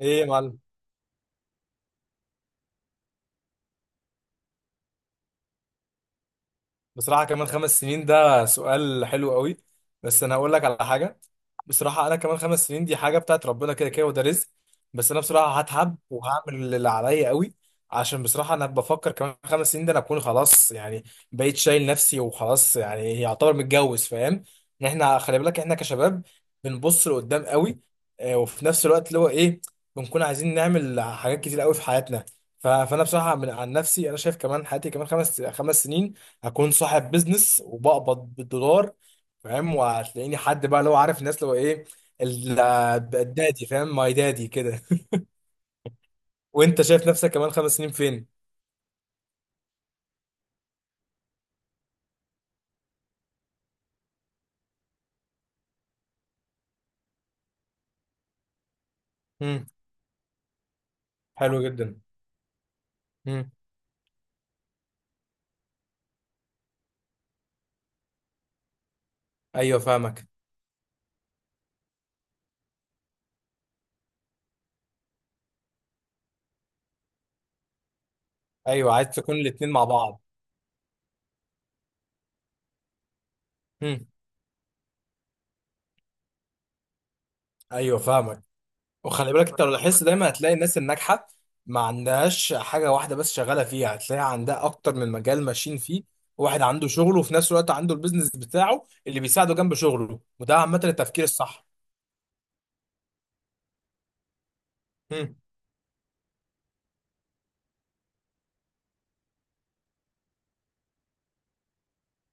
ايه يا معلم. بصراحة كمان 5 سنين ده سؤال حلو قوي. بس أنا هقول لك على حاجة. بصراحة أنا كمان خمس سنين دي حاجة بتاعت ربنا كده كده، وده رزق. بس أنا بصراحة هتعب وهعمل اللي عليا قوي. عشان بصراحة أنا بفكر كمان خمس سنين ده أنا أكون خلاص يعني، بقيت شايل نفسي وخلاص، يعني يعتبر متجوز، فاهم؟ إن إحنا، خلي بالك، إحنا كشباب بنبص لقدام قوي. وفي نفس الوقت اللي هو إيه، بنكون عايزين نعمل حاجات كتير قوي في حياتنا. فأنا بصراحة من عن نفسي أنا شايف كمان حياتي كمان خمس سنين هكون صاحب بيزنس وبقبض بالدولار، فاهم؟ وهتلاقيني حد بقى لو عارف الناس، لو ايه، ال- الدادي، فاهم؟ ماي دادي كده. وانت شايف نفسك كمان خمس سنين فين؟ مم. حلو جدا. مم. ايوه، فاهمك. ايوه، عايز تكون الاتنين مع بعض. مم. ايوه، فاهمك. وخلي بالك انت، لو لاحظت دايما هتلاقي الناس الناجحه ما عندهاش حاجه واحده بس شغاله فيها، هتلاقي عندها اكتر من مجال ماشيين فيه. واحد عنده شغله وفي نفس الوقت عنده البيزنس بتاعه اللي بيساعده جنب شغله، وده عامه التفكير الصح.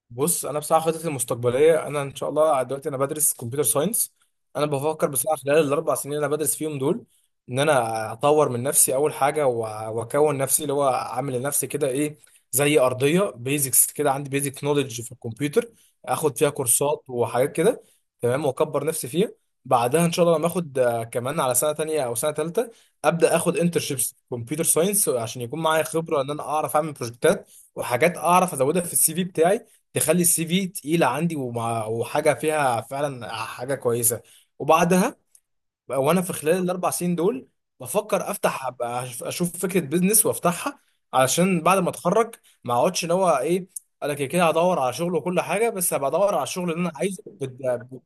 بص، انا بصراحه خطتي المستقبليه، انا ان شاء الله دلوقتي انا بدرس كمبيوتر ساينس. انا بفكر بصراحه خلال ال 4 سنين اللي انا بدرس فيهم دول ان انا اطور من نفسي اول حاجه، واكون نفسي اللي هو اعمل لنفسي كده ايه، زي ارضيه بيزكس كده، عندي بيزك نوليدج في الكمبيوتر. اخد فيها كورسات وحاجات كده تمام، واكبر نفسي فيها. بعدها ان شاء الله لما اخد، كمان على سنه تانية او سنه تالتة، ابدا اخد انترشيبس كمبيوتر ساينس عشان يكون معايا خبره، ان انا اعرف اعمل بروجكتات وحاجات اعرف ازودها في السي في بتاعي. تخلي السي في تقيله عندي، ومع وحاجه فيها فعلا حاجه كويسه. وبعدها، وانا في خلال الاربع سنين دول بفكر افتح، أبقى اشوف فكره بيزنس وافتحها علشان بعد ما اتخرج ما اقعدش ان هو ايه. انا كده كده هدور على شغل وكل حاجه، بس هبقى ادور على الشغل اللي انا عايزه ب-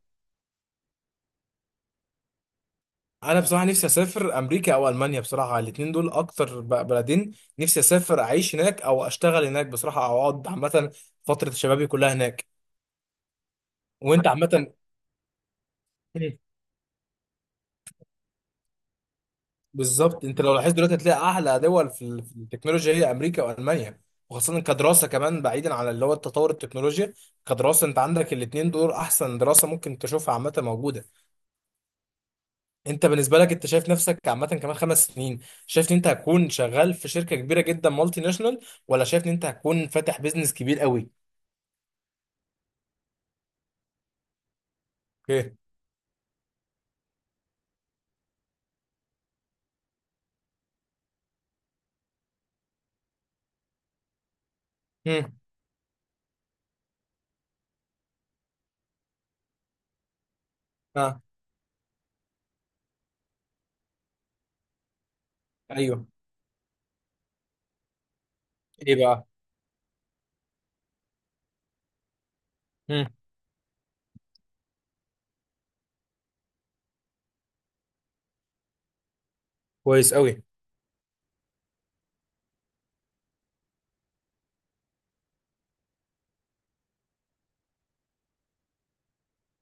انا بصراحه نفسي اسافر امريكا او المانيا. بصراحه الاثنين دول اكتر بلدين نفسي اسافر اعيش هناك او اشتغل هناك بصراحه، او اقعد عامه فتره شبابي كلها هناك. وانت عامه؟ بالظبط، انت لو لاحظت دلوقتي هتلاقي اعلى دول في في التكنولوجيا هي امريكا والمانيا. وخاصه كدراسه كمان، بعيدا عن اللي هو التطور التكنولوجيا. كدراسه انت عندك الاثنين دول احسن دراسه ممكن تشوفها عامه موجوده. انت بالنسبه لك، انت شايف نفسك عامه كمان خمس سنين شايف ان انت هتكون شغال في شركه كبيره جدا مالتي ناشونال، ولا شايف ان انت هتكون فاتح بيزنس كبير قوي؟ اوكي. امم. اه. ايوه. ايه بقى؟ امم. كويس قوي.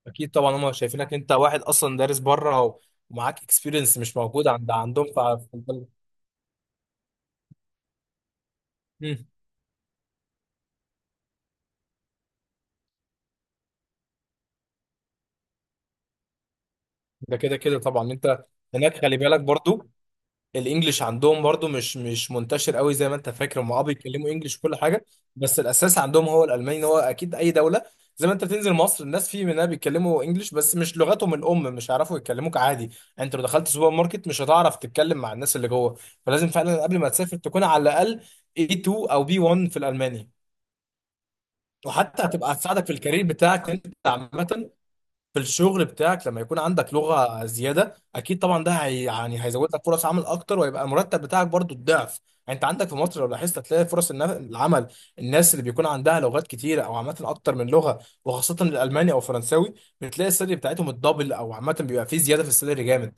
اكيد طبعا، هم شايفينك انت واحد اصلا دارس بره ومعاك اكسبيرينس مش موجود عندهم ف في البلد. مم. ده كده كده طبعا انت هناك، خلي بالك برضو، الانجليش عندهم برضو مش منتشر قوي زي ما انت فاكر. هم اه بيتكلموا انجليش وكل حاجه، بس الاساس عندهم هو الالماني هو. اكيد اي دوله، زي ما انت بتنزل مصر الناس في منها بيتكلموا انجليش بس مش لغتهم الام، مش هيعرفوا يتكلموك عادي يعني. انت لو دخلت سوبر ماركت مش هتعرف تتكلم مع الناس اللي جوه. فلازم فعلا قبل ما تسافر تكون على الاقل A2 او B1 في الالماني. وحتى هتبقى هتساعدك في الكارير بتاعك انت عامة، في الشغل بتاعك، لما يكون عندك لغة زيادة اكيد طبعا ده هي يعني هيزود لك فرص عمل اكتر، ويبقى المرتب بتاعك برضو الضعف. يعني انت عندك في مصر لو لاحظت هتلاقي فرص العمل، الناس اللي بيكون عندها لغات كتيرة، او عامة اكتر من لغة، وخاصة الالماني او الفرنساوي، بتلاقي السالري بتاعتهم الدبل، او عامة بيبقى فيه زيادة في السالري جامد.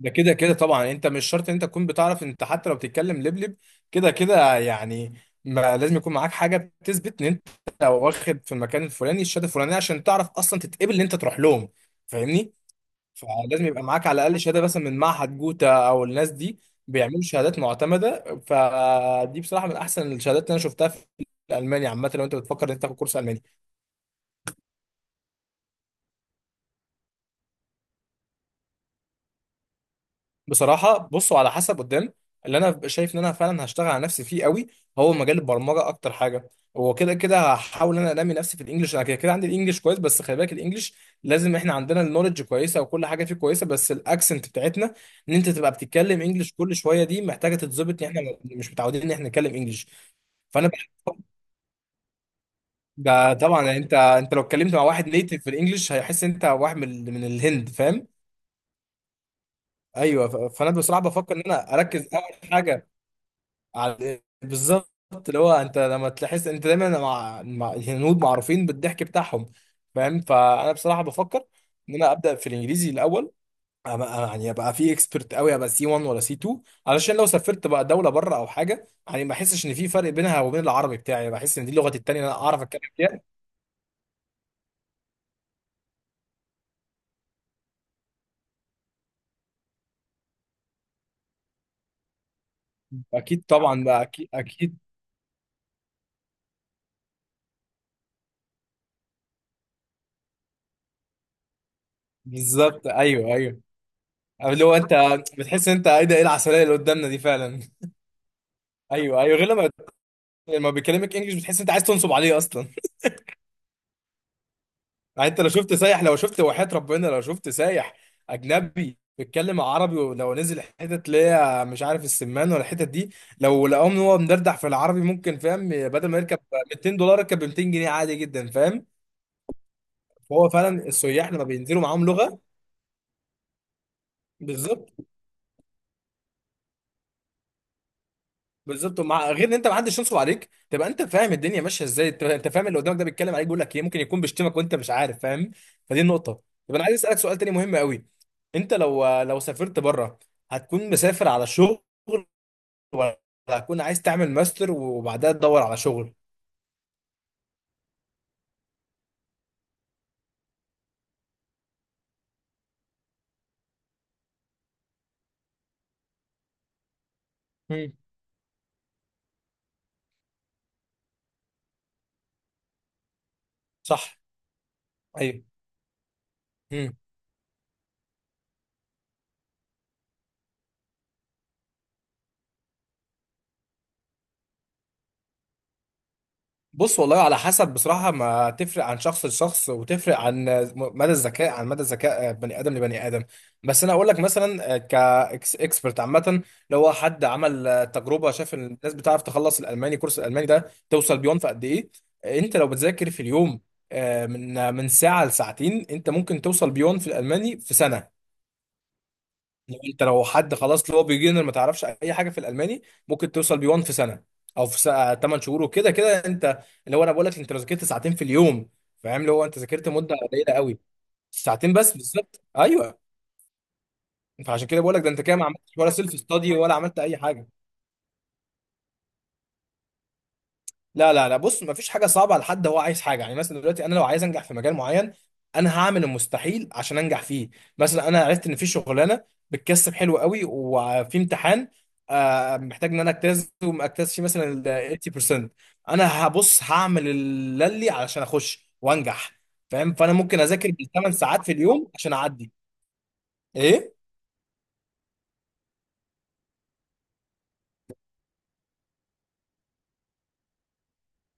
ده كده كده طبعا انت مش شرط ان انت تكون بتعرف، انت حتى لو بتتكلم لبلب كده كده يعني. ما لازم يكون معاك حاجه بتثبت ان انت واخد في المكان الفلاني الشهاده الفلانيه، عشان تعرف اصلا تتقبل ان انت تروح لهم، فاهمني؟ فلازم يبقى معاك على الاقل شهاده، مثلا من معهد جوتا، او الناس دي بيعملوا شهادات معتمده. فدي بصراحه من احسن الشهادات اللي انا شفتها في المانيا عامه لو انت بتفكر ان انت تاخد كورس الماني. بصراحة بصوا، على حسب قدام اللي انا ببقى شايف ان انا فعلا هشتغل على نفسي فيه قوي هو مجال البرمجة اكتر حاجة. هو كده كده هحاول ان انا انمي نفسي في الانجليش. انا كده كده عندي الانجليش كويس، بس خلي بالك الانجليش لازم احنا عندنا النولج كويسة وكل حاجة فيه كويسة، بس الاكسنت بتاعتنا، ان انت تبقى بتتكلم انجليش كل شوية دي محتاجة تتظبط، ان احنا مش متعودين ان احنا نتكلم انجليش. فانا بح- ده طبعا يعني انت، انت لو اتكلمت مع واحد نيتيف في الانجليش هيحس انت واحد من الهند، فاهم؟ ايوه، فانا بصراحه بفكر ان انا اركز اول حاجه على، بالظبط، اللي هو انت لما تحس انت دايما مع الهنود، معروفين بالضحك بتاعهم، فاهم؟ فانا بصراحه بفكر ان انا ابدا في الانجليزي الاول، أبقى يعني ابقى فيه اكسبرت قوي، ابقى سي 1 ولا سي 2، علشان لو سافرت بقى دوله بره او حاجه يعني ما احسش ان في فرق بينها وبين العربي بتاعي، بحس ان دي لغتي التانيه اللي انا اعرف اتكلم فيها. اكيد طبعا بقى، اكيد اكيد. بالظبط، ايوه ايوه، اللي هو انت بتحس ان انت ايه ده، ايه العسليه اللي قدامنا دي فعلا. ايوه ايوه، غير لما بيكلمك انجلش بتحس ان انت عايز تنصب عليه اصلا. يعني انت لو شفت سايح، لو شفت وحياة ربنا لو شفت سايح اجنبي بيتكلم عربي، ولو نزل حتت اللي هي مش عارف السمان ولا الحتت دي، لو لقاهم ان هو مدردح في العربي ممكن، فاهم، بدل ما يركب 200 دولار يركب ب 200 جنيه عادي جدا، فاهم؟ فهو فعلا السياح لما بينزلوا معاهم لغة، بالظبط. بالظبط، ومع، غير ان انت ما حدش ينصب عليك، تبقى انت فاهم الدنيا ماشيه ازاي، انت أنت فاهم اللي قدامك ده بيتكلم عليك بيقول لك ايه، ممكن يكون بيشتمك وانت مش عارف، فاهم؟ فدي النقطه. طب انا عايز اسالك سؤال تاني مهم قوي، انت لو سافرت بره هتكون مسافر على شغل، ولا هتكون عايز تعمل ماستر وبعدها تدور على شغل؟ مم. صح. ايوه. بص، والله على حسب، بصراحة ما تفرق عن شخص لشخص، وتفرق عن مدى الذكاء، عن مدى ذكاء بني آدم لبني آدم. بس أنا أقول لك مثلا كإكسبرت عامة، لو هو حد عمل تجربة شاف إن الناس بتعرف تخلص الألماني، كورس الألماني ده توصل بيون في قد إيه. أنت لو بتذاكر في اليوم من ساعة لساعتين، أنت ممكن توصل بيون في الألماني في سنة. لو انت، لو حد خلاص اللي هو بيجنر ما تعرفش اي حاجه في الالماني، ممكن توصل بي 1 في سنه، او في سنة 8 شهور، وكده كده انت. اللي هو انا بقول لك انت لو ذاكرت ساعتين في اليوم، فاهم اللي هو انت ذاكرت مده قليله قوي. ساعتين بس، بالظبط، ايوه. فعشان كده بقول لك ده انت كده ما عملتش ولا سيلف ستادي ولا عملت اي حاجه. لا لا لا، بص مفيش حاجه صعبه على حد هو عايز حاجه، يعني مثلا دلوقتي انا لو عايز انجح في مجال معين انا هعمل المستحيل عشان انجح فيه. مثلا انا عرفت ان في شغلانه بتكسب حلو قوي، وفي امتحان محتاج ان انا اجتاز، ومجتاز فيه مثلا ال 80%، انا هبص هعمل اللي لي علشان اخش وانجح، فاهم؟ فانا ممكن اذاكر بالثمان ساعات في اليوم عشان اعدي. ايه؟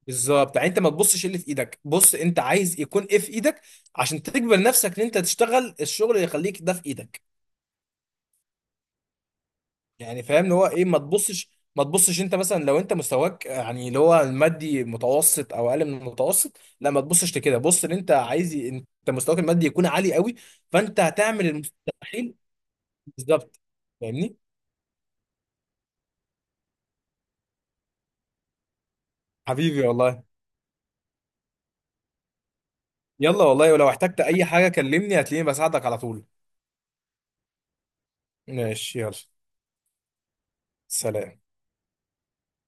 بالظبط، يعني انت ما تبصش اللي في ايدك، بص انت عايز يكون ايه في ايدك عشان تجبر نفسك ان انت تشتغل الشغل اللي يخليك ده في ايدك. يعني فاهم اللي هو ايه، ما تبصش. ما تبصش انت مثلا، لو انت مستواك، يعني اللي هو المادي متوسط او اقل من المتوسط، لا، ما تبصش لكده، بص اللي انت عايز، انت مستواك المادي يكون عالي قوي، فانت هتعمل المستحيل. بالظبط. فاهمني. حبيبي والله. يلا والله، ولو احتجت اي حاجة كلمني هتلاقيني بساعدك على طول. ماشي، يلا، سلام.